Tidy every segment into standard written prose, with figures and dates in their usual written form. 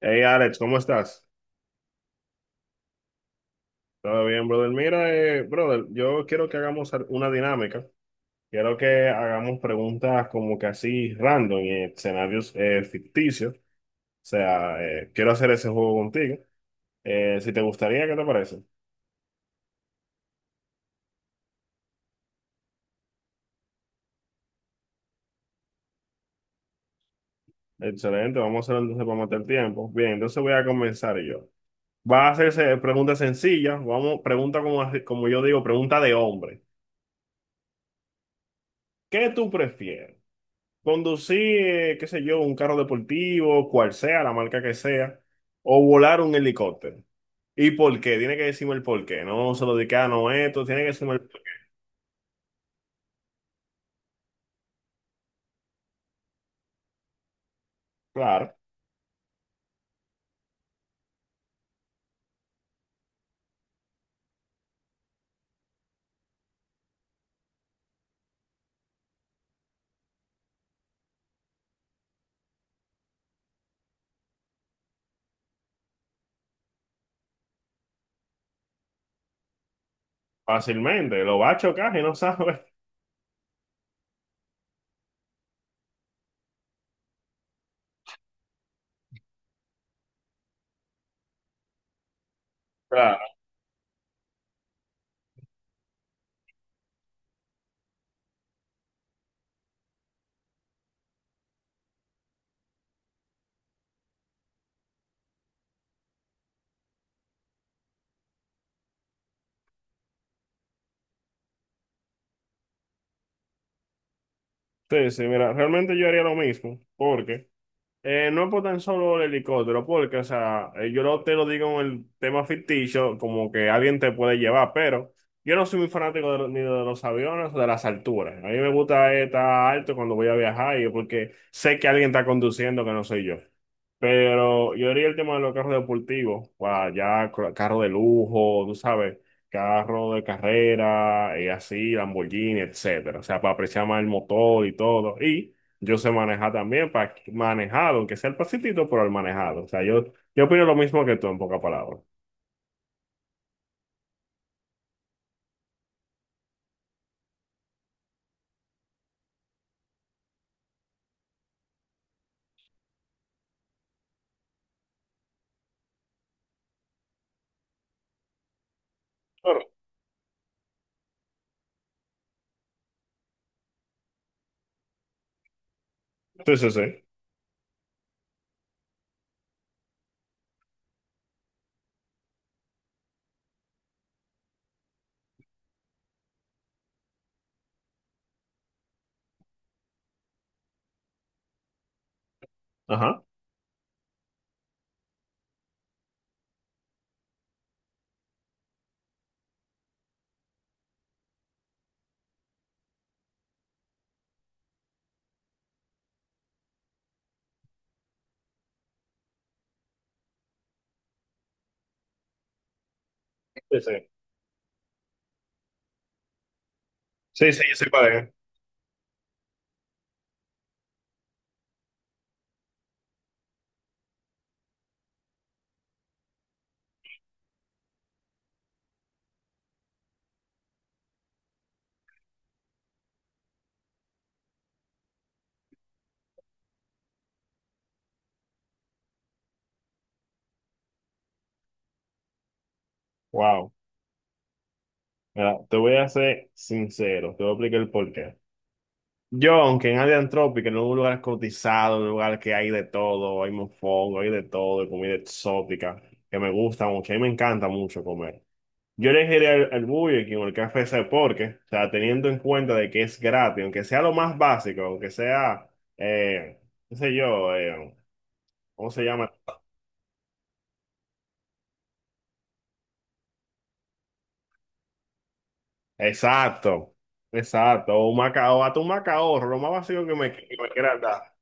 Hey Alex, ¿cómo estás? ¿Todo bien, brother? Mira, brother, yo quiero que hagamos una dinámica. Quiero que hagamos preguntas como que así random y escenarios ficticios. O sea, quiero hacer ese juego contigo. Si te gustaría, ¿qué te parece? Excelente, vamos a hacerlo entonces para matar el tiempo. Bien, entonces voy a comenzar yo. Va a hacerse preguntas sencillas. Vamos, pregunta como, como yo digo, pregunta de hombre. ¿Qué tú prefieres? Conducir, qué sé yo, un carro deportivo, cual sea, la marca que sea, o volar un helicóptero. ¿Y por qué? Tiene que decirme el por qué. No se lo dedica no esto, tiene que decirme el. Claro, fácilmente, lo va a chocar y no sabe. Claro. Sí, sí, mira, realmente yo haría lo mismo, porque no es por tan solo el helicóptero, porque, o sea, yo no te lo digo en el tema ficticio, como que alguien te puede llevar, pero yo no soy muy fanático ni de los aviones o de las alturas. A mí me gusta estar alto cuando voy a viajar, y porque sé que alguien está conduciendo que no soy yo. Pero yo diría el tema de los carros deportivos, para ya carro de lujo, tú sabes, carro de carrera, y así, Lamborghini, etcétera. O sea, para apreciar más el motor y todo. Y yo sé manejar también, para manejar, aunque sea el pasitito, pero el manejado. O sea, yo opino lo mismo que tú, en pocas palabras. Claro. Sí, sí, sí. Ajá. Sí, sí. Sí, sí, yo soy pareja. Wow. Mira, te voy a ser sincero, te voy a explicar el porqué. Yo, aunque en área antrópica, en un lugar cotizado, en un lugar que hay de todo, hay mofongo, hay de todo, hay comida exótica, que me gusta mucho, a mí me encanta mucho comer. Yo elegiría el Burger King o el Café ese porque, o sea, teniendo en cuenta de que es gratis, aunque sea lo más básico, aunque sea, eh, qué sé yo, ¿cómo se llama? Exacto, exacto, o un maca macao, hasta un macaorro, lo más básico que me quiera dar.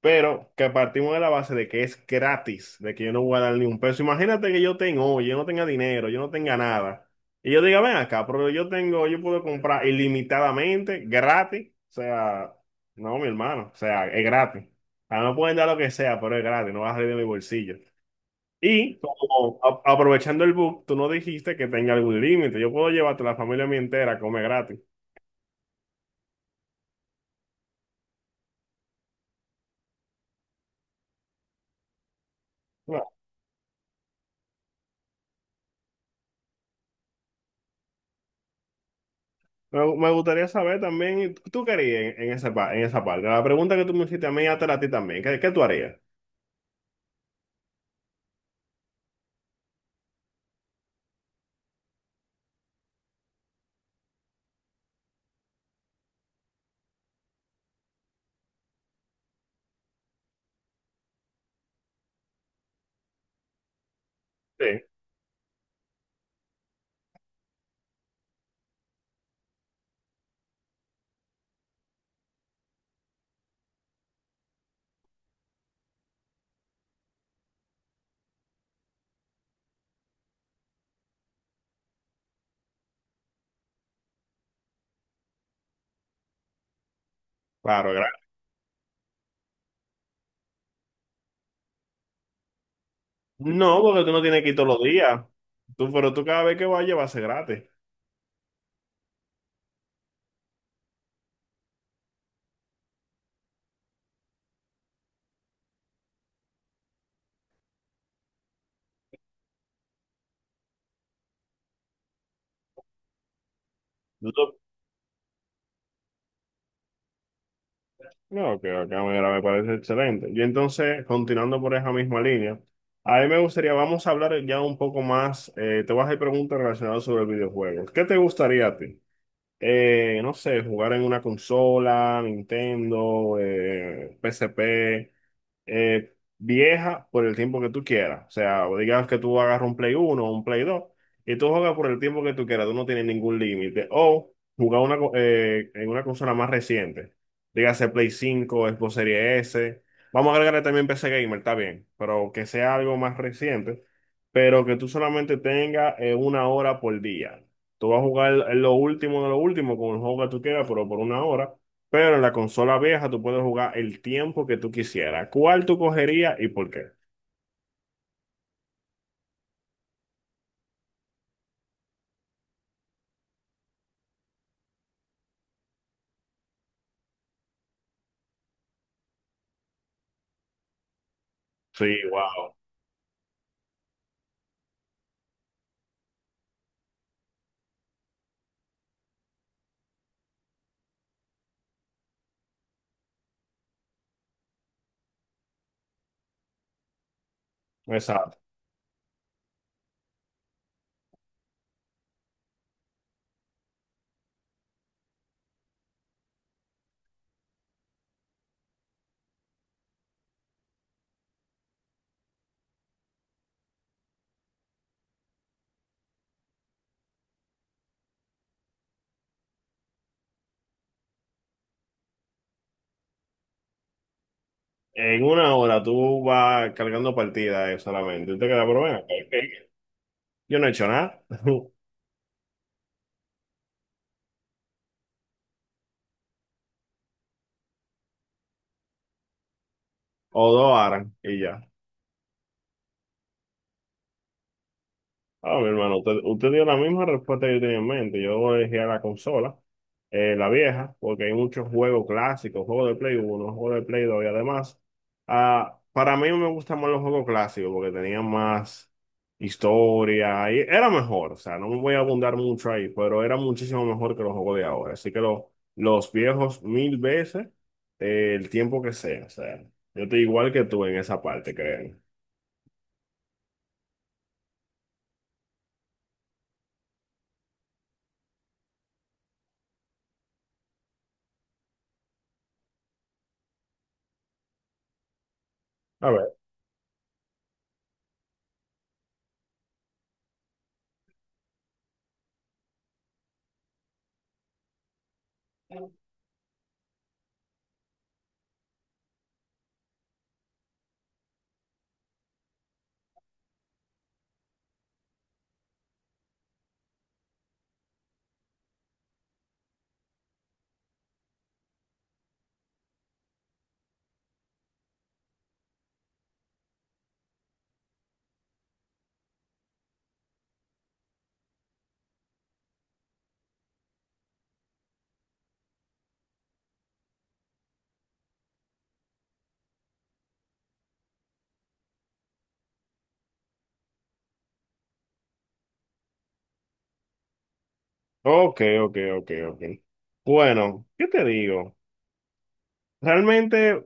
Pero que partimos de la base de que es gratis, de que yo no voy a dar ni un peso. Imagínate que yo tengo, yo no tenga dinero, yo no tenga nada. Y yo diga, ven acá, pero yo tengo, yo puedo comprar ilimitadamente, gratis. O sea, no, mi hermano, o sea, es gratis. A mí me pueden dar lo que sea, pero es gratis, no vas a salir de mi bolsillo. Y como aprovechando el book, tú no dijiste que tenga algún límite. Yo puedo llevarte la familia mía entera a comer gratis. Me gustaría saber también, ¿tú qué harías en esa, en esa parte? La pregunta que tú me hiciste a mí, hasta a ti también. Qué tú harías? Sí. Claro, gratis. No, porque tú no tienes que ir todos los días. Tú, pero tú cada vez que vayas va a ser gratis. Tú- tú- No, que mira, me parece excelente. Y entonces, continuando por esa misma línea, a mí me gustaría, vamos a hablar ya un poco más, te voy a hacer preguntas relacionadas sobre videojuegos. ¿Qué te gustaría a ti? No sé, jugar en una consola, Nintendo, PSP. Vieja por el tiempo que tú quieras. O sea, o digamos que tú agarras un Play uno, o un Play 2, y tú juegas por el tiempo que tú quieras, tú no tienes ningún límite. O jugar una, en una consola más reciente, dígase Play 5, Xbox Series S. Vamos a agregarle también PC Gamer, está bien, pero que sea algo más reciente, pero que tú solamente tengas una hora por día. Tú vas a jugar lo último de lo último con el juego que tú quieras, pero por una hora. Pero en la consola vieja tú puedes jugar el tiempo que tú quisieras. ¿Cuál tú cogerías y por qué? Sí, wow. Exacto. En una hora tú vas cargando partidas solamente. Y te queda, pero bueno, ok, ok, yo no he hecho nada. O dos horas y ya. Ah, mi hermano, usted dio la misma respuesta que yo tenía en mente. Yo elegí a la consola, la vieja, porque hay muchos juegos clásicos, juegos de Play uno juegos de Play 2 y además, ah, para mí me gustan más los juegos clásicos porque tenían más historia y era mejor. O sea, no me voy a abundar mucho ahí, pero era muchísimo mejor que los juegos de ahora. Así que los viejos mil veces, el tiempo que sea. O sea, yo estoy igual que tú en esa parte, creo. Ok, ok, ok, ok. Bueno, ¿qué te digo? Realmente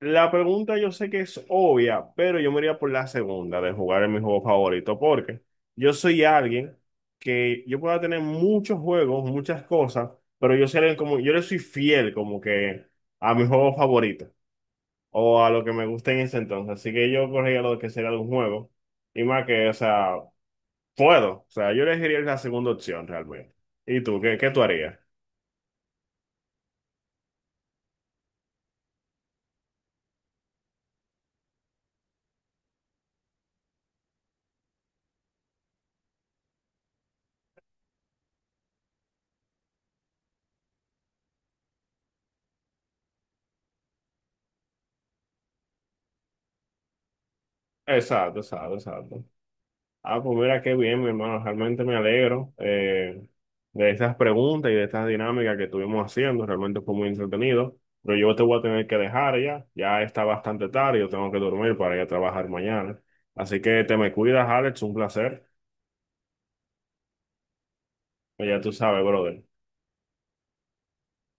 la pregunta yo sé que es obvia, pero yo me iría por la segunda de jugar en mi juego favorito, porque yo soy alguien que yo pueda tener muchos juegos, muchas cosas, pero yo soy alguien como, yo le soy fiel como que a mi juego favorito o a lo que me gusta en ese entonces. Así que yo corría lo que sería de un juego y más que, o sea, puedo. O sea, yo elegiría la segunda opción realmente. ¿Y tú? Qué tú harías? Exacto, exacto, exacto. Ah, pues mira qué bien, mi hermano. Realmente me alegro de estas preguntas y de estas dinámicas que estuvimos haciendo. Realmente fue muy entretenido. Pero yo te voy a tener que dejar ya. Ya está bastante tarde. Yo tengo que dormir para ir a trabajar mañana. Así que te me cuidas, Alex. Un placer. Ya tú sabes, brother.